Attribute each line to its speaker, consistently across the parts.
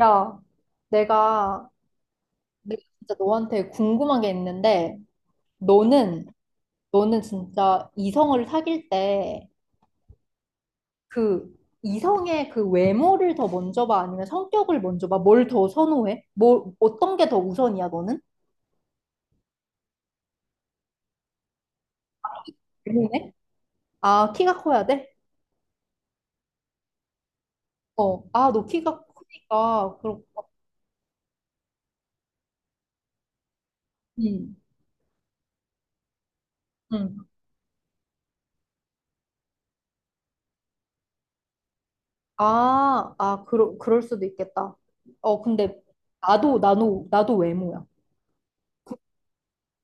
Speaker 1: 야, 내가 내가 진짜 너한테 궁금한 게 있는데 너는 너는 진짜 이성을 사귈 때 그 이성의 그 외모를 더 먼저 봐, 아니면 성격을 먼저 봐? 뭘 더 선호해? 뭐 어떤 게 더 우선이야, 너는? 외모네? 아, 키가 커야 돼? 어. 아, 너 키가 크니까 그렇 응, 응, 아, 아, 그럴 수도 있겠다. 어, 근데 나도 외모야.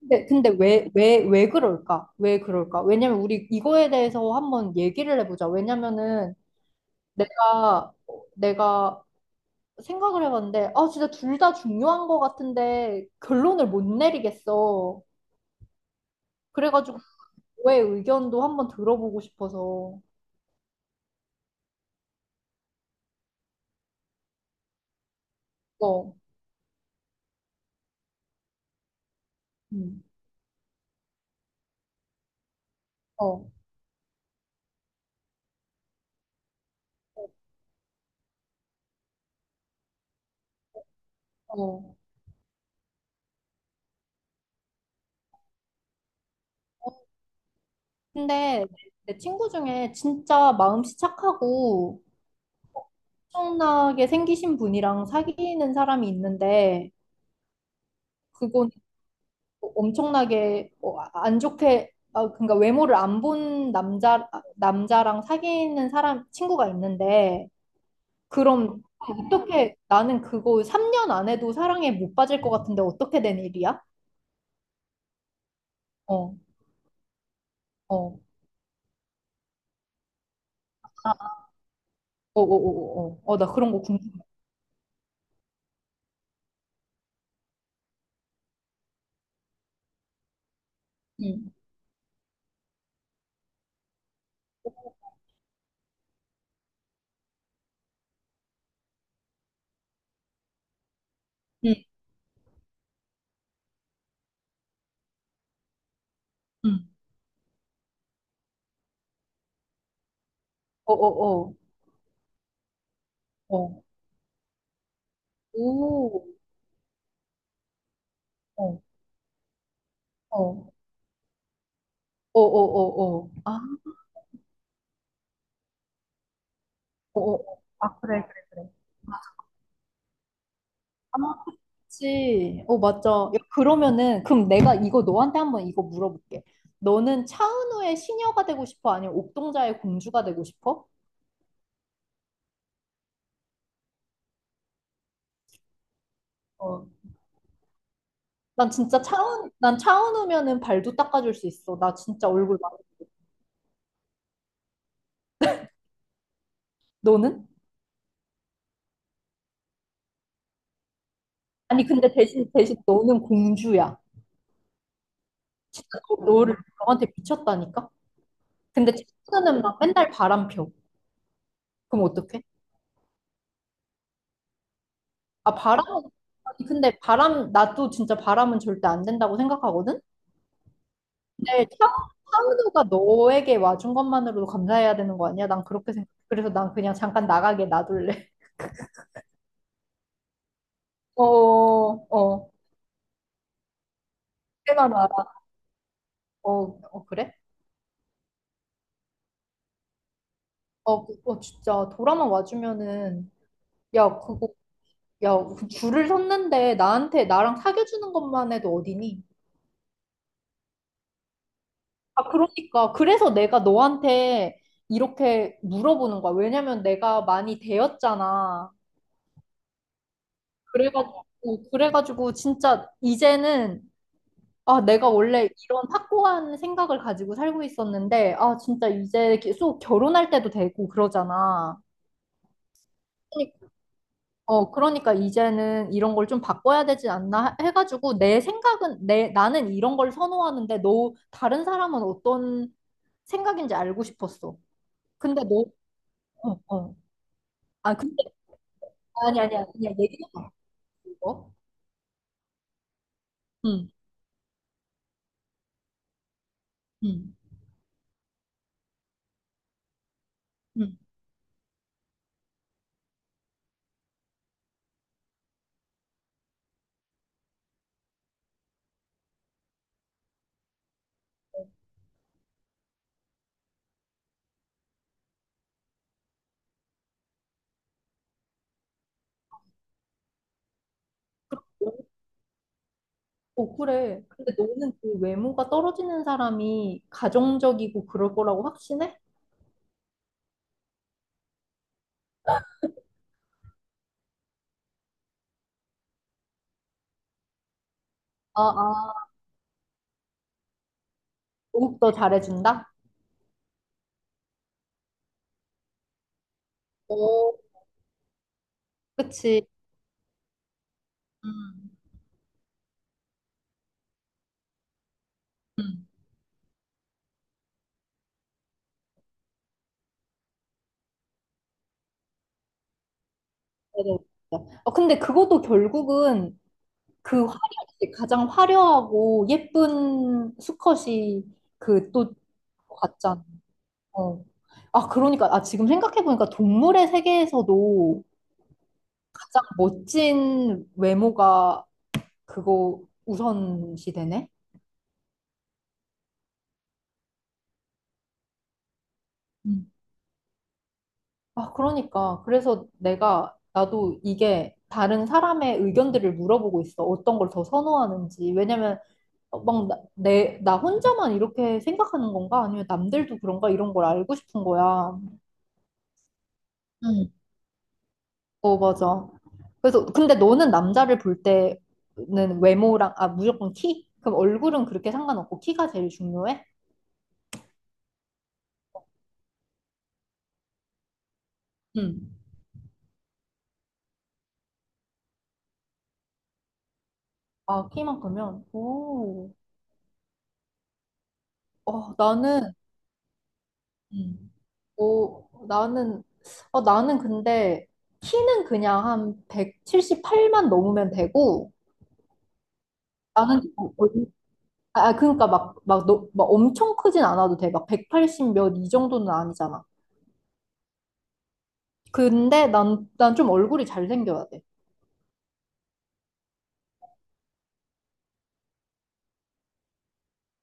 Speaker 1: 근데 왜 그럴까? 왜 그럴까? 왜냐면 우리 이거에 대해서 한번 얘기를 해보자. 왜냐면은 내가, 내가 생각을 해봤는데, 아, 진짜 둘 다 중요한 것 같은데 결론을 못 내리겠어. 그래가지고 너의 의견도 한번 들어보고 싶어서. 어, 음, 어, 어. 어. 근데 내 친구 중에 진짜 마음씨 착하고 엄청나게 생기신 분이랑 사귀는 사람이 있는데, 그건 엄청나게 안 좋게 그러니까 외모를 안 본 남자랑 사귀는 사람 친구가 있는데, 그럼 어떻게 나는 그거 3년 안 해도 사랑에 못 빠질 것 같은데 어떻게 된 일이야? 어, 어, 어, 어, 어, 어, 어, 어, 나 그런 거 궁금해. 응, 응, 응. 어, 어, 어, 어, 오, 어, 어, 어, 어, 어, 어, 아, 어, 어, 어. 아, 그래, 그래, 그래. 아. 그치. 어, 맞아. 야, 그럼 내가 이거 너한테 한번 이거 물어볼게. 너는 차은우의 시녀가 되고 싶어? 아니면 옥동자의 공주가 되고 싶어? 어. 난 진짜 차은우면은 발도 닦아줄 수 있어. 나 진짜 얼굴 막. 너는? 아니, 근데 대신 너는 공주야. 진짜 너한테 미쳤다니까? 근데 차은우는 막 맨날 바람 펴. 그럼 어떡해? 아, 아니, 근데 나도 진짜 바람은 절대 안 된다고 생각하거든? 근데 차은우가 너에게 와준 것만으로도 감사해야 되는 거 아니야? 난 그렇게 생각. 그래서 난 그냥 잠깐 나가게 놔둘래. 어, 어. 그만 알아. 어, 어 그래? 어, 진짜 돌아만 와주면은, 야, 그거 야 줄을 섰는데 나한테 나랑 사귀어주는 것만 해도 어디니? 아, 그러니까 그래서 내가 너한테 이렇게 물어보는 거야. 왜냐면 내가 많이 되었잖아. 그래가지고 그래가지고 진짜 이제는, 아, 내가 원래 이런 확고한 생각을 가지고 살고 있었는데, 아, 진짜 이제 계속 결혼할 때도 되고 그러잖아. 그러니- 그러니까 이제는 이런 걸 좀 바꿔야 되지 않나 해가지고, 내 생각은, 나는 이런 걸 선호하는데, 너, 다른 사람은 어떤 생각인지 알고 싶었어. 근데 어, 어. 아, 근데, 아니, 아니, 아니, 그냥 얘기해봐, 이거. 응, 응, 응. 어, 그래. 근데 너는 그 외모가 떨어지는 사람이 가정적이고 그럴 거라고 확신해? 아, 아, 목욕도 잘해준다? 오, 그치. 음, 음. 네네. 어, 근데 그것도 결국은 그 화려, 가장 화려하고 예쁜 수컷이 그 또 같잖아. 어. 아, 그러니까, 아, 지금 생각해보니까 동물의 세계에서도 가장 멋진 외모가 그거 우선시 되네? 아, 그러니까. 그래서 나도 이게 다른 사람의 의견들을 물어보고 있어. 어떤 걸 더 선호하는지. 왜냐면, 어, 막, 나 혼자만 이렇게 생각하는 건가? 아니면 남들도 그런가? 이런 걸 알고 싶은 거야. 응. 어, 맞아. 그래서, 근데 너는 남자를 볼 때는 외모랑, 아, 무조건 키? 그럼 얼굴은 그렇게 상관없고 키가 제일 중요해? 응. 아, 키만 크면? 오. 어, 음. 오, 나는, 나는 근데 키는 그냥 한 178만 넘으면 되고, 어, 어, 아, 아, 그러니까 막 엄청 크진 않아도 돼. 막 180 몇 이 정도는 아니잖아. 근데 난 좀 얼굴이 잘생겨야 돼.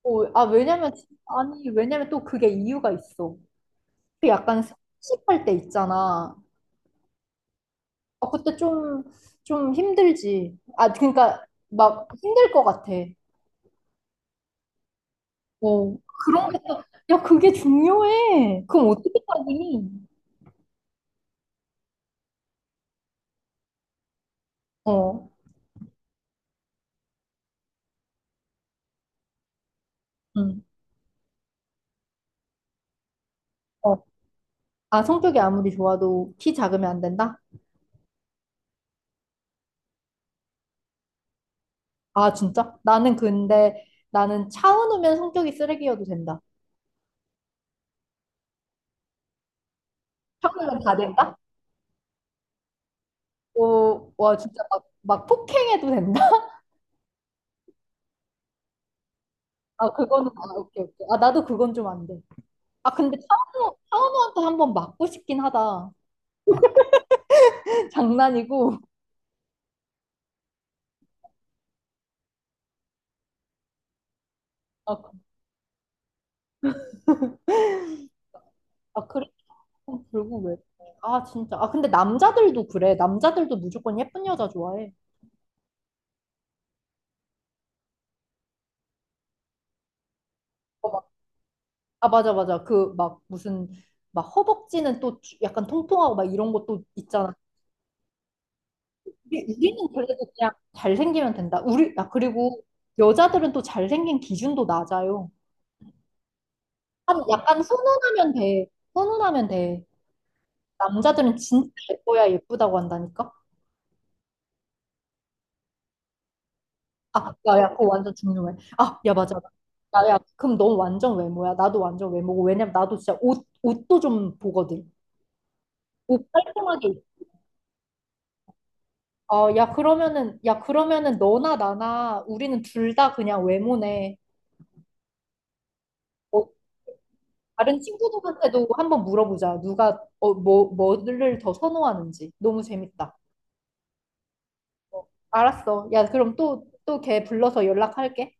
Speaker 1: 어, 아, 왜냐면, 아니, 왜냐면 또 그게 이유가 있어. 그 약간 습할 때 있잖아. 아, 그때 좀 힘들지. 아, 그러니까 막 힘들 것 같아. 어. 그런 것도, 야, 그게 중요해. 그럼 어떻게 따지니? 어, 응, 어. 아, 성격이 아무리 좋아도 키 작으면 안 된다? 아, 진짜? 나는 근데, 나는 차은우면 성격이 쓰레기여도 된다. 평우면 다 된다? 어, 와, 진짜 막, 막 폭행해도 된다? 아, 그거는, 아, 오케이, 오케이. 아, 나도 그건 좀 안 돼. 아, 근데 차은우, 차은우한테 한번 맞고 싶긴 하다. 장난이고. 아, 아, 그래. 어, 결국 왜? 아, 진짜. 아, 근데 남자들도 그래. 남자들도 무조건 예쁜 여자 좋아해. 어, 아, 맞아, 맞아. 그, 막, 무슨, 막, 허벅지는 또 약간 통통하고 막 이런 것도 있잖아. 우리는 그래도 그냥 잘생기면 된다. 우리, 아, 그리고 여자들은 또 잘생긴 기준도 낮아요. 약간 훈훈하면 돼. 훈훈하면 돼. 남자들은 진짜 예뻐야 예쁘다고 한다니까? 아, 야, 야, 그거 완전 중요해. 아, 야, 맞아. 야, 야, 그럼 넌 완전 외모야. 나도 완전 외모고. 왜냐면 나도 진짜 옷도 좀 보거든. 옷 깔끔하게. 어, 야, 그러면은, 야, 그러면은 너나 나나 우리는 둘 다 그냥 외모네. 어, 다른 친구들한테도 한번 물어보자. 누가, 뭐를 더 선호하는지. 너무 재밌다. 알았어. 야, 그럼 또, 또 걔 불러서 연락할게.